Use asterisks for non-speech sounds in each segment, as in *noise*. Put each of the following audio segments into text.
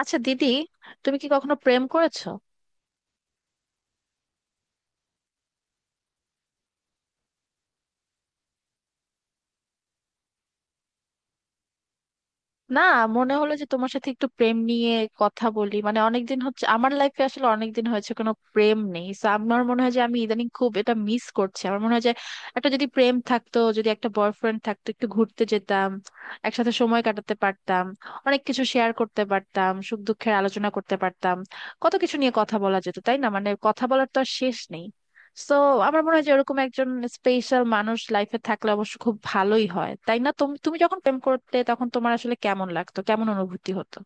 আচ্ছা দিদি, তুমি কি কখনো প্রেম করেছো? না, মনে হলো যে তোমার সাথে একটু প্রেম নিয়ে কথা বলি। মানে অনেকদিন হচ্ছে, আমার লাইফে আসলে অনেকদিন হয়েছে কোনো প্রেম নেই। So, আমার মনে হয় যে আমি ইদানিং খুব এটা মিস করছি। আমার মনে হয় যে একটা যদি প্রেম থাকতো, যদি একটা বয়ফ্রেন্ড থাকতো, একটু ঘুরতে যেতাম, একসাথে সময় কাটাতে পারতাম, অনেক কিছু শেয়ার করতে পারতাম, সুখ দুঃখের আলোচনা করতে পারতাম, কত কিছু নিয়ে কথা বলা যেত, তাই না? মানে কথা বলার তো আর শেষ নেই। সো আমার মনে হয় যে ওরকম একজন স্পেশাল মানুষ লাইফে থাকলে অবশ্য খুব ভালোই হয়, তাই না? তুমি তুমি যখন প্রেম করতে তখন তোমার আসলে কেমন লাগতো, কেমন অনুভূতি হতো?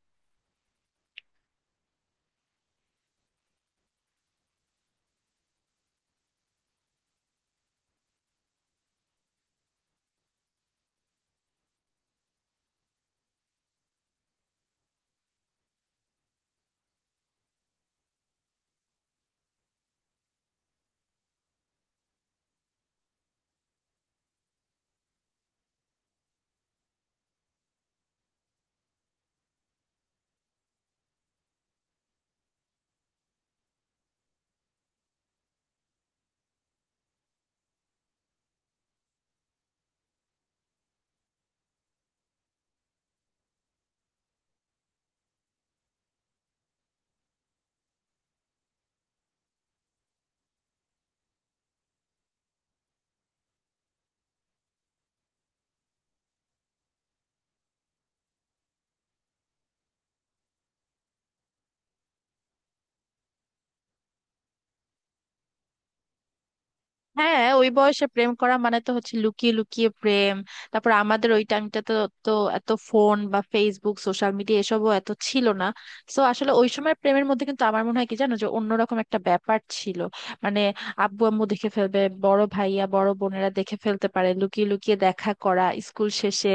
হ্যাঁ, ওই বয়সে প্রেম করা মানে তো হচ্ছে লুকিয়ে লুকিয়ে প্রেম। তারপর আমাদের ওই টাইমটা তো, তো এত ফোন বা ফেসবুক সোশ্যাল মিডিয়া এসবও এত ছিল না। তো আসলে ওই সময় প্রেমের মধ্যে কিন্তু আমার মনে হয় কি জানো, যে অন্যরকম একটা ব্যাপার ছিল। মানে আব্বু আম্মু দেখে ফেলবে, বড় ভাইয়া বড় বোনেরা দেখে ফেলতে পারে, লুকিয়ে লুকিয়ে দেখা করা স্কুল শেষে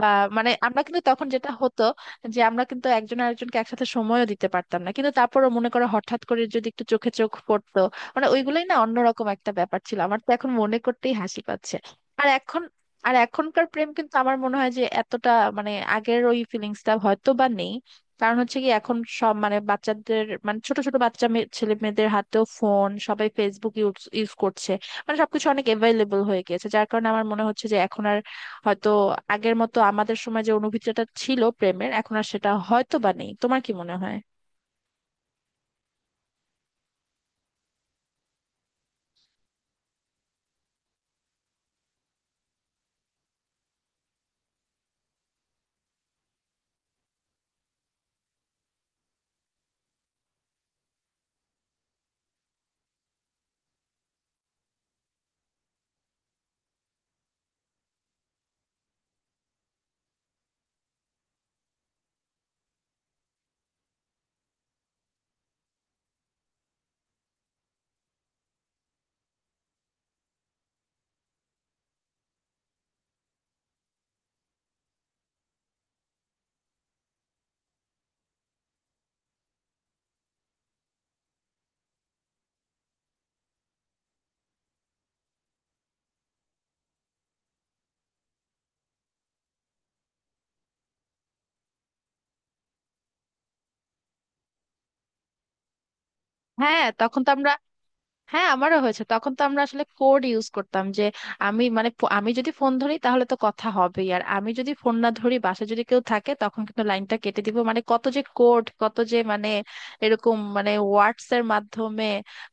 বা মানে আমরা কিন্তু তখন যেটা হতো যে আমরা কিন্তু একজন আরেকজনকে একসাথে সময়ও দিতে পারতাম না, কিন্তু তারপরও মনে করো হঠাৎ করে যদি একটু চোখে চোখ পড়তো, মানে ওইগুলোই না অন্যরকম একটা ব্যাপার ছিল। আমার তো এখন মনে করতেই হাসি পাচ্ছে। আর এখন আর এখনকার প্রেম কিন্তু আমার মনে হয় যে এতটা মানে আগের ওই ফিলিংসটা হয়তো বা নেই। কারণ হচ্ছে কি, এখন সব মানে বাচ্চাদের মানে ছোট ছোট বাচ্চা ছেলে মেয়েদের হাতেও ফোন, সবাই ফেসবুক ইউজ ইউজ করছে। মানে সবকিছু অনেক অ্যাভেলেবল হয়ে গেছে, যার কারণে আমার মনে হচ্ছে যে এখন আর হয়তো আগের মতো আমাদের সময় যে অনুভূতিটা ছিল প্রেমের এখন আর সেটা হয়তো বা নেই। তোমার কি মনে হয়? হ্যাঁ তখন তো আমরা। হ্যাঁ আমারও হয়েছে। তখন তো আমরা আসলে কোড ইউজ করতাম যে আমি মানে আমি যদি ফোন ধরি তাহলে তো কথা হবেই, আর আমি যদি ফোন না ধরি বাসায় যদি কেউ থাকে তখন কিন্তু লাইনটা কেটে দিব। মানে কত যে কোড, কত যে মানে এরকম মানে ওয়ার্ডস এর মাধ্যমে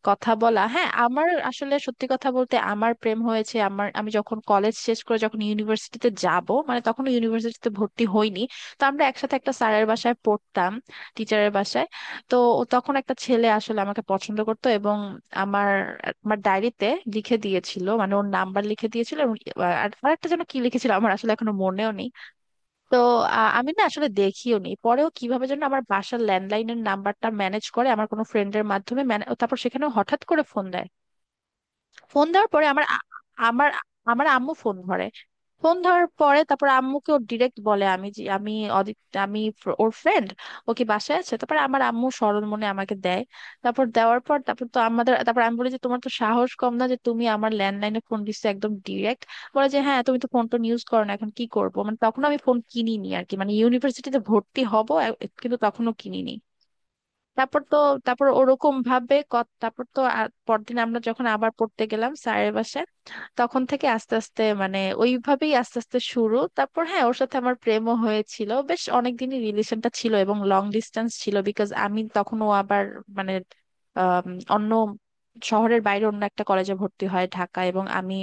কথা বলা। হ্যাঁ, আমার আসলে সত্যি কথা বলতে আমার প্রেম হয়েছে আমার, আমি যখন কলেজ শেষ করে যখন ইউনিভার্সিটিতে যাব মানে তখন ইউনিভার্সিটিতে ভর্তি হইনি। তো আমরা একসাথে একটা স্যারের বাসায় পড়তাম, টিচারের বাসায়। তো তখন একটা ছেলে আসলে আমাকে পছন্দ করতো এবং আমার আমার ডায়েরিতে লিখে দিয়েছিল মানে ওর নাম্বার লিখে দিয়েছিল এবং আর আরেকটা যেন কি লিখেছিল আমার আসলে এখনো মনেও নেই। তো আমি না আসলে দেখিও নি, পরেও কিভাবে যেন আমার বাসার ল্যান্ডলাইনের নাম্বারটা ম্যানেজ করে আমার কোনো ফ্রেন্ডের মাধ্যমে তারপর সেখানে হঠাৎ করে ফোন দেয়। ফোন দেওয়ার পরে আমার আমার আম্মু ফোন ধরে। ফোন ধরার পরে তারপর আম্মুকে ওর ডিরেক্ট বলে আমি যে আমি অদিত, আমি ওর ফ্রেন্ড, ও কি বাসায় আছে। তারপর আমার আম্মু সরল মনে আমাকে দেয়। তারপর দেওয়ার পর তারপর তো আমাদের তারপর আমি বলি যে তোমার তো সাহস কম না যে তুমি আমার ল্যান্ডলাইনে ফোন দিচ্ছ একদম ডিরেক্ট। বলে যে হ্যাঁ তুমি তো ফোন টোন ইউজ করো না এখন কি করবো, মানে তখন আমি ফোন কিনিনি আর কি মানে ইউনিভার্সিটিতে ভর্তি হব কিন্তু তখনও কিনিনি। তারপর তো তারপর ওরকম ভাবে তারপর তো আর পরদিন আমরা যখন আবার পড়তে গেলাম স্যারের বাসায়, তখন থেকে আস্তে আস্তে মানে ওইভাবেই আস্তে আস্তে শুরু। তারপর হ্যাঁ, ওর সাথে আমার প্রেমও হয়েছিল, বেশ অনেকদিনই রিলেশনটা ছিল এবং লং ডিস্টেন্স ছিল বিকজ আমি তখন ও আবার মানে আম, অন্য শহরের বাইরে অন্য একটা কলেজে ভর্তি হয় ঢাকা এবং আমি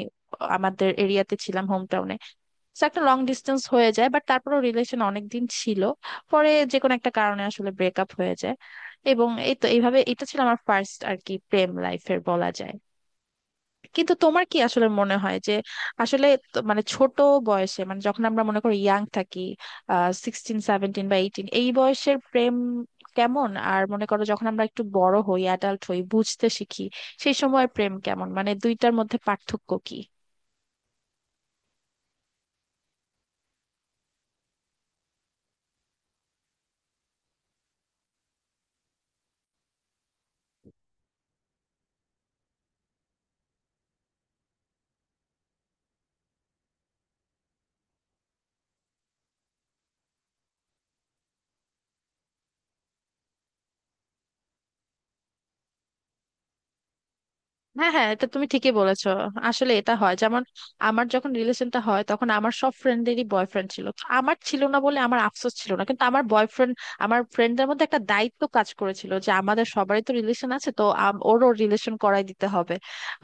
আমাদের এরিয়াতে ছিলাম হোম টাউনে। তো একটা লং ডিস্টেন্স হয়ে যায় বাট তারপরও রিলেশন অনেক দিন ছিল। পরে যে কোনো একটা কারণে আসলে ব্রেকআপ হয়ে যায়। এবং এই তো এইভাবে এটা ছিল আমার ফার্স্ট আর কি প্রেম লাইফের বলা যায়। কিন্তু তোমার কি আসলে মনে হয় যে আসলে তো মানে ছোট বয়সে মানে যখন আমরা মনে করি ইয়াং থাকি, সিক্সটিন সেভেন্টিন বা এইটিন এই বয়সের প্রেম কেমন, আর মনে করো যখন আমরা একটু বড় হই, অ্যাডাল্ট হই, বুঝতে শিখি সেই সময় প্রেম কেমন, মানে দুইটার মধ্যে পার্থক্য কি? হ্যাঁ হ্যাঁ এটা তুমি ঠিকই বলেছো। আসলে এটা হয় যেমন আমার যখন রিলেশনটা হয় তখন আমার সব ফ্রেন্ডেরই বয়ফ্রেন্ড ছিল, তো আমার ছিল না বলে আমার আফসোস ছিল না, কিন্তু আমার বয়ফ্রেন্ড আমার ফ্রেন্ডদের মধ্যে একটা দায়িত্ব কাজ করেছিল যে আমাদের সবারই তো রিলেশন আছে, তো ওরও রিলেশন করাই দিতে হবে।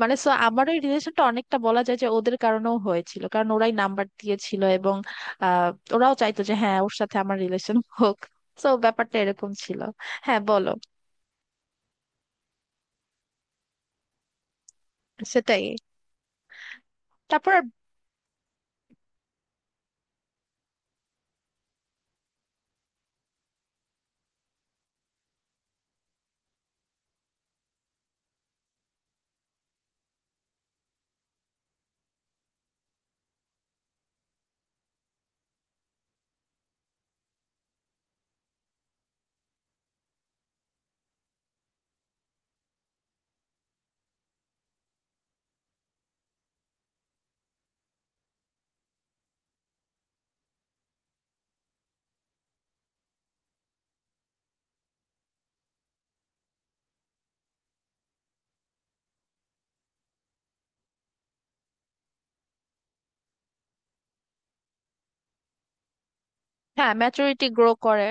মানে সো আমার ওই রিলেশনটা অনেকটা বলা যায় যে ওদের কারণেও হয়েছিল, কারণ ওরাই নাম্বার দিয়েছিল এবং আহ ওরাও চাইতো যে হ্যাঁ ওর সাথে আমার রিলেশন হোক। তো ব্যাপারটা এরকম ছিল। হ্যাঁ বলো। সেটাই। তারপর আর- হ্যাঁ ম্যাচুরিটি গ্রো করে।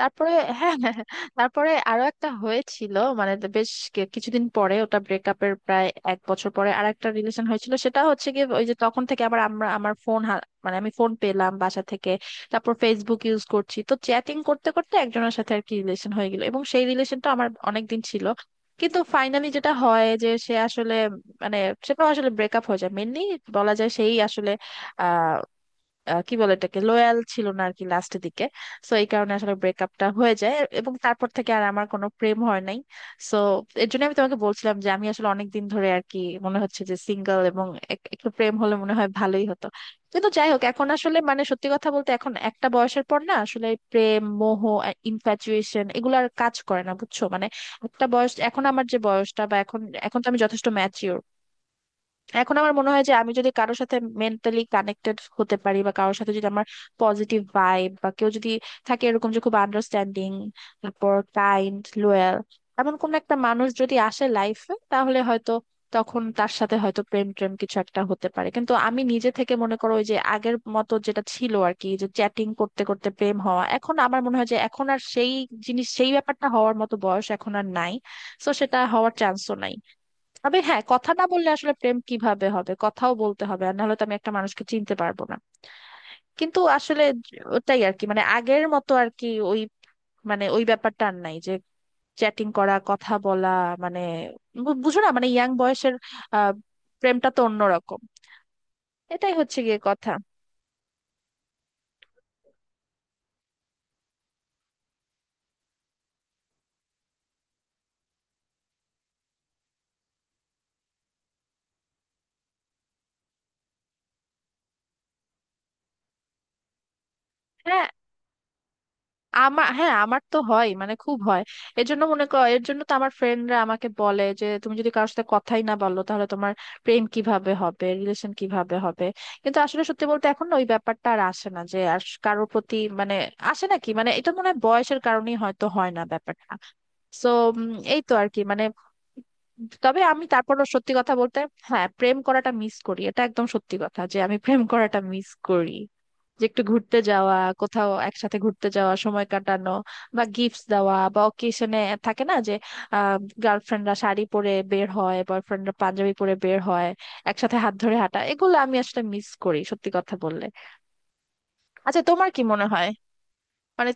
তারপরে *laughs* হ্যাঁ হ্যাঁ হ্যাঁ। তারপরে আরো একটা হয়েছিল মানে তো বেশ কিছুদিন পরে, ওটা ব্রেকআপের প্রায় এক বছর পরে আর একটা রিলেশন হয়েছিল। সেটা হচ্ছে গিয়ে ওই যে তখন থেকে আবার আমরা আমার ফোন মানে আমি ফোন পেলাম বাসা থেকে। তারপর ফেসবুক ইউজ করছি, তো চ্যাটিং করতে করতে একজনের সাথে আর কি রিলেশন হয়ে গেল এবং সেই রিলেশনটা আমার অনেক দিন ছিল। কিন্তু ফাইনালি যেটা হয় যে সে আসলে মানে সেটাও আসলে ব্রেকআপ হয়ে যায় মেনলি, বলা যায় সেই আসলে কি বলে এটাকে, লয়াল ছিল না আর কি লাস্টের দিকে। সো এই কারণে আসলে ব্রেকআপটা হয়ে যায় এবং তারপর থেকে আর আমার কোনো প্রেম হয় নাই। সো এর জন্য আমি তোমাকে বলছিলাম যে আমি আসলে অনেক দিন ধরে আর কি মনে হচ্ছে যে সিঙ্গেল এবং একটু প্রেম হলে মনে হয় ভালোই হতো। কিন্তু যাই হোক এখন আসলে মানে সত্যি কথা বলতে এখন একটা বয়সের পর না আসলে প্রেম মোহ ইনফ্যাচুয়েশন এগুলো আর কাজ করে না বুঝছো। মানে একটা বয়স এখন আমার যে বয়সটা বা এখন, এখন তো আমি যথেষ্ট ম্যাচিওর। এখন আমার মনে হয় যে আমি যদি কারোর সাথে মেন্টালি কানেক্টেড হতে পারি বা কারোর সাথে যদি আমার পজিটিভ ভাইব বা কেউ যদি থাকে এরকম যে খুব আন্ডারস্ট্যান্ডিং, তারপর কাইন্ড, লোয়াল, এমন কোন একটা মানুষ যদি আসে লাইফে তাহলে হয়তো তখন তার সাথে হয়তো প্রেম প্রেম কিছু একটা হতে পারে। কিন্তু আমি নিজে থেকে মনে করো ওই যে আগের মতো যেটা ছিল আর কি যে চ্যাটিং করতে করতে প্রেম হওয়া, এখন আমার মনে হয় যে এখন আর সেই জিনিস সেই ব্যাপারটা হওয়ার মতো বয়স এখন আর নাই। তো সেটা হওয়ার চান্সও নাই। তবে হ্যাঁ, কথা না বললে আসলে প্রেম কিভাবে হবে, কথাও বলতে হবে আর নাহলে তো আমি একটা মানুষকে চিনতে পারবো না। কিন্তু আসলে ওটাই আর কি, মানে আগের মতো আর কি ওই মানে ওই ব্যাপারটা আর নাই যে চ্যাটিং করা কথা বলা। মানে বুঝো না মানে ইয়াং বয়সের আহ প্রেমটা তো অন্যরকম। এটাই হচ্ছে গিয়ে কথা। হ্যাঁ হ্যাঁ আমার তো হয় মানে খুব হয়। এর জন্য মনে কর এর জন্য তো আমার ফ্রেন্ডরা আমাকে বলে যে তুমি যদি কারোর সাথে কথাই না বলো তাহলে তোমার প্রেম কিভাবে হবে, রিলেশন কিভাবে হবে। কিন্তু আসলে সত্যি বলতে এখন না ওই ব্যাপারটা আর আসে না যে আর কারোর প্রতি মানে আসে না কি, মানে এটা মনে হয় বয়সের কারণেই হয়তো হয় না ব্যাপারটা। সো এই তো আর কি মানে। তবে আমি তারপরও সত্যি কথা বলতে হ্যাঁ প্রেম করাটা মিস করি, এটা একদম সত্যি কথা যে আমি প্রেম করাটা মিস করি। যে একটু ঘুরতে যাওয়া, কোথাও একসাথে ঘুরতে যাওয়া, সময় কাটানো বা গিফটস দেওয়া বা অকেশনে থাকে না যে আহ গার্লফ্রেন্ডরা শাড়ি পরে বের হয়, বয়ফ্রেন্ডরা পাঞ্জাবি পরে বের হয়, একসাথে হাত ধরে হাঁটা, এগুলো আমি আসলে মিস করি সত্যি কথা বললে। আচ্ছা তোমার কি মনে হয় মানে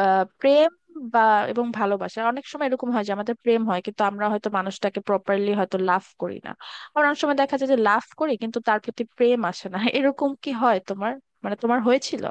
প্রেম বা এবং ভালোবাসা অনেক সময় এরকম হয় যে আমাদের প্রেম হয় কিন্তু আমরা হয়তো মানুষটাকে প্রপারলি হয়তো লাভ করি না। আবার অনেক সময় দেখা যায় যে লাভ করি কিন্তু তার প্রতি প্রেম আসে না। এরকম কি হয় তোমার, মানে তোমার হয়েছিল?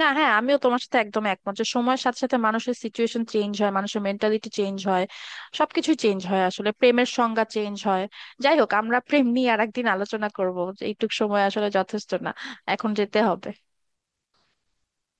না হ্যাঁ আমিও তোমার সাথে একদম একমত যে সময়ের সাথে সাথে মানুষের সিচুয়েশন চেঞ্জ হয়, মানুষের মেন্টালিটি চেঞ্জ হয়, সবকিছু চেঞ্জ হয়, আসলে প্রেমের সংজ্ঞা চেঞ্জ হয়। যাই হোক, আমরা প্রেম নিয়ে আর একদিন আলোচনা করবো, এইটুক সময় আসলে যথেষ্ট না। এখন যেতে হবে।